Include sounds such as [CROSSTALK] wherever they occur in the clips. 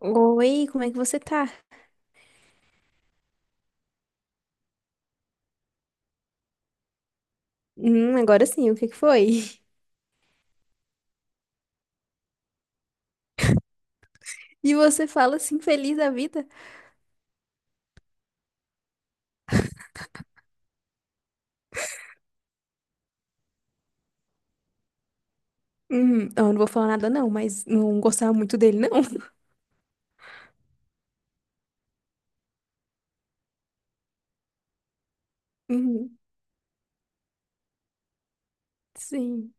Oi, como é que você tá? Agora sim, o que que foi? [LAUGHS] E você fala assim, feliz da vida? Eu não vou falar nada não, mas não gostava muito dele, não. [LAUGHS] Uhum, sim.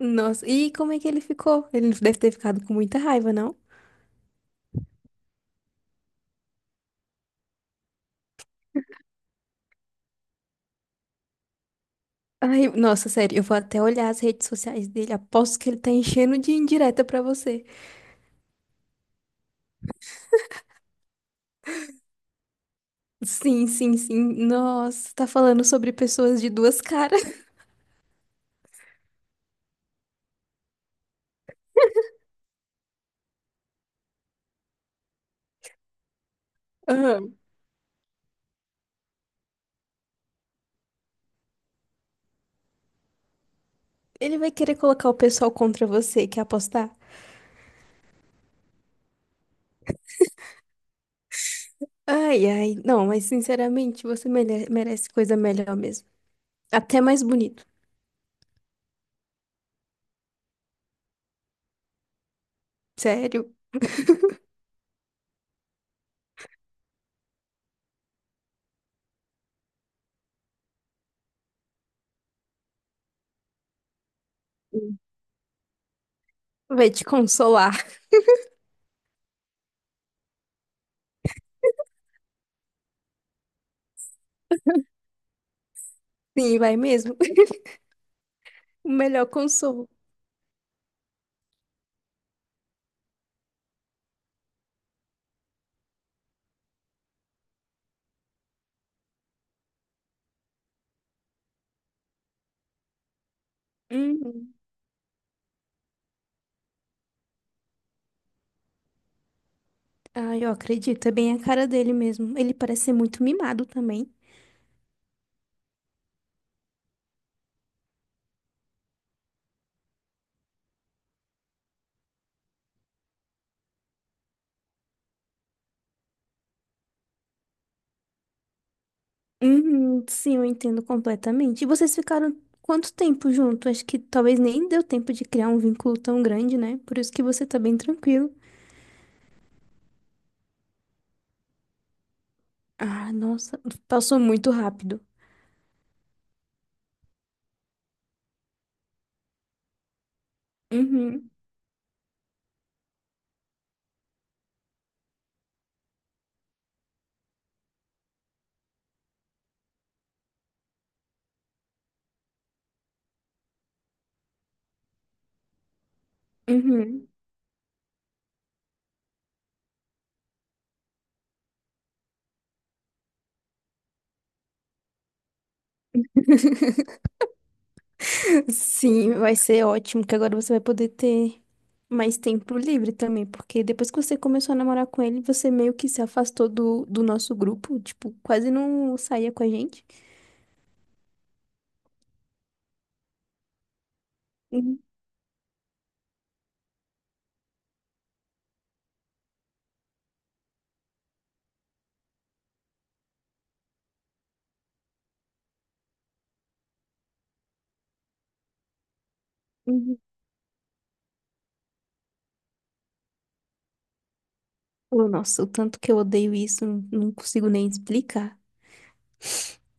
Nossa, e como é que ele ficou? Ele deve ter ficado com muita raiva, não? Ai, nossa, sério, eu vou até olhar as redes sociais dele. Aposto que ele tá enchendo de indireta pra você. Sim, sim, sim. Nossa, tá falando sobre pessoas de duas caras. [LAUGHS] Aham. Ele vai querer colocar o pessoal contra você, quer apostar? Ai, ai, não, mas sinceramente, você merece coisa melhor mesmo. Até mais bonito. Sério. Hum. Vai te consolar. [LAUGHS] Sim, vai mesmo. [LAUGHS] O melhor consolo. Uhum. Ai, eu acredito, é bem a cara dele mesmo. Ele parece ser muito mimado também. Uhum, sim, eu entendo completamente. E vocês ficaram quanto tempo junto? Acho que talvez nem deu tempo de criar um vínculo tão grande, né? Por isso que você tá bem tranquilo. Ah, nossa, passou muito rápido. Uhum, uhum. Sim, vai ser ótimo, que agora você vai poder ter mais tempo livre também, porque depois que você começou a namorar com ele, você meio que se afastou do nosso grupo, tipo, quase não saía com a gente. Uhum, uhum. Oh, nossa, o tanto que eu odeio isso, não consigo nem explicar. [LAUGHS]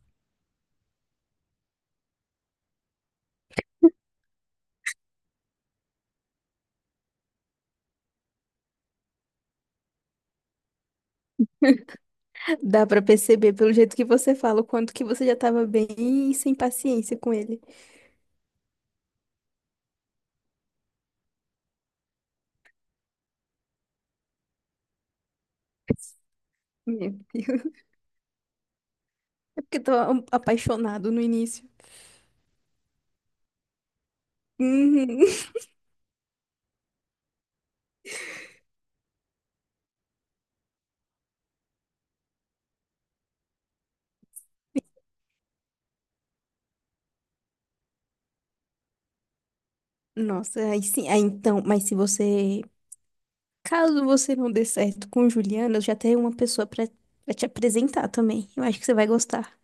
Dá pra perceber pelo jeito que você fala, o quanto que você já tava bem sem paciência com ele. Meu Deus. É porque eu tava apaixonado no início. Uhum. [LAUGHS] Nossa, aí sim, aí então, mas se você caso você não dê certo com Juliana, eu já tenho uma pessoa pra te apresentar também. Eu acho que você vai gostar.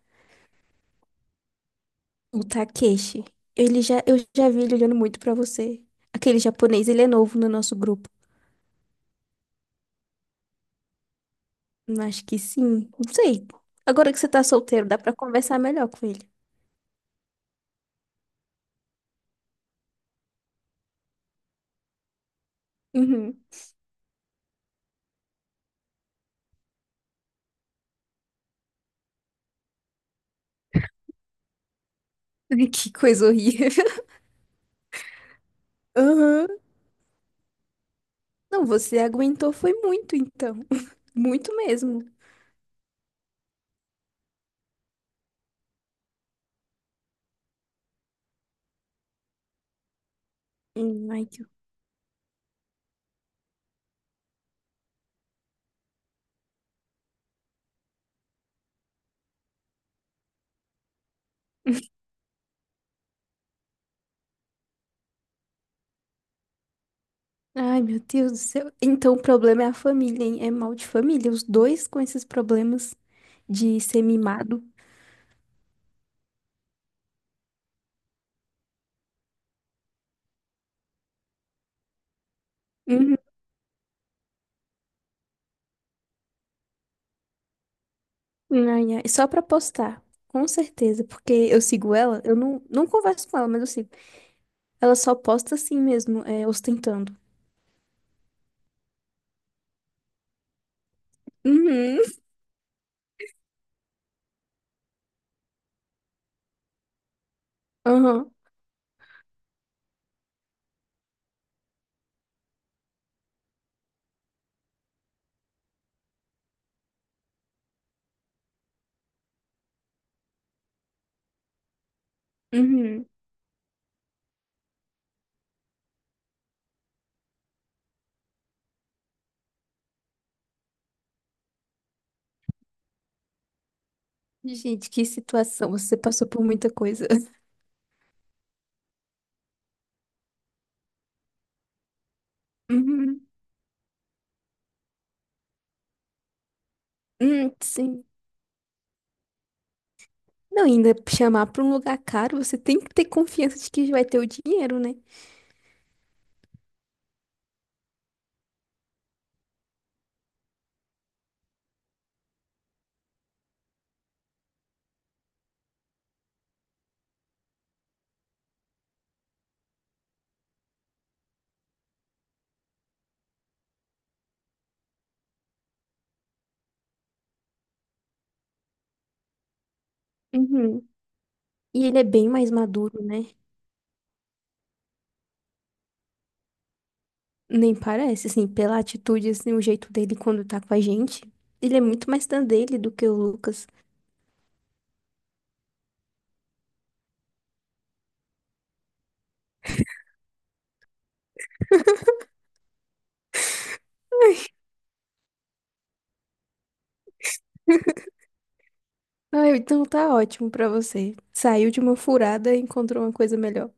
O Takeshi. Eu já vi ele olhando muito pra você. Aquele japonês, ele é novo no nosso grupo. Eu acho que sim. Não sei. Agora que você tá solteiro, dá pra conversar melhor com ele. Uhum. [LAUGHS] Que coisa horrível. [LAUGHS] Aham. Não, você aguentou foi muito, então. [LAUGHS] Muito mesmo. Ai, que- Ai, meu Deus do céu. Então o problema é a família, hein? É mal de família. Os dois com esses problemas de ser mimado. Uhum. Ai, ai. Só pra postar. Com certeza, porque eu sigo ela, eu não, não converso com ela, mas eu sigo. Ela só posta assim mesmo, é, ostentando. Uhum. Aham. Uhum. Gente, que situação. Você passou por muita coisa. Uhum. Sim. Não, ainda chamar pra um lugar caro, você tem que ter confiança de que vai ter o dinheiro, né? Uhum. E ele é bem mais maduro, né? Nem parece, assim, pela atitude, assim, o jeito dele quando tá com a gente. Ele é muito mais da dele do que o Lucas. Ah, então tá ótimo pra você. Saiu de uma furada e encontrou uma coisa melhor.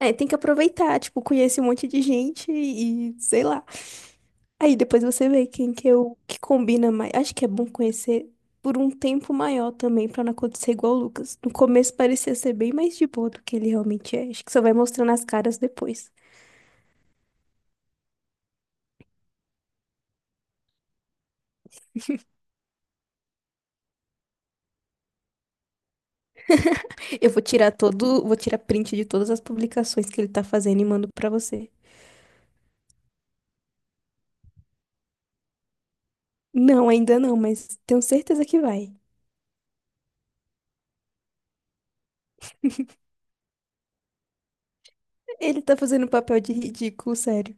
É, tem que aproveitar, tipo, conhece um monte de gente e sei lá. Aí depois você vê quem que eu que combina mais. Acho que é bom conhecer por um tempo maior também, pra não acontecer igual o Lucas. No começo parecia ser bem mais de boa do que ele realmente é. Acho que só vai mostrando as caras depois. Eu vou tirar todo, vou tirar print de todas as publicações que ele tá fazendo e mando pra você. Não, ainda não, mas tenho certeza que vai. Ele tá fazendo papel de ridículo, sério.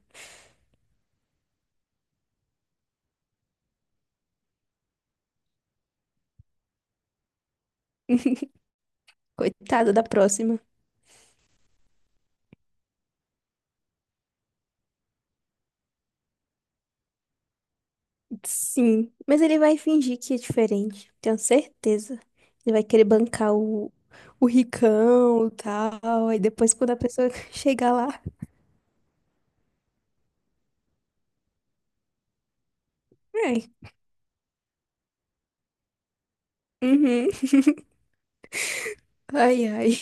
[LAUGHS] Coitado da próxima. Sim, mas ele vai fingir que é diferente, tenho certeza. Ele vai querer bancar o ricão e tal, aí depois quando a pessoa [LAUGHS] chegar lá, ai, uhum. [LAUGHS] Ai, ai.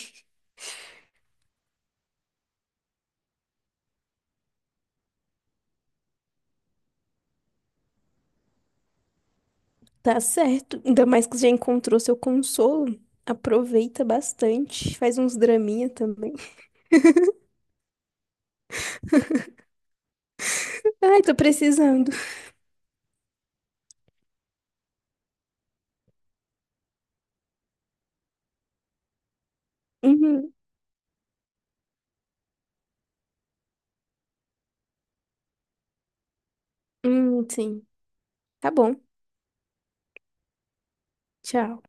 Tá certo. Ainda mais que você já encontrou seu consolo. Aproveita bastante. Faz uns draminha também. [LAUGHS] Ai, tô precisando. Uhum. Sim. Tá bom. Tchau.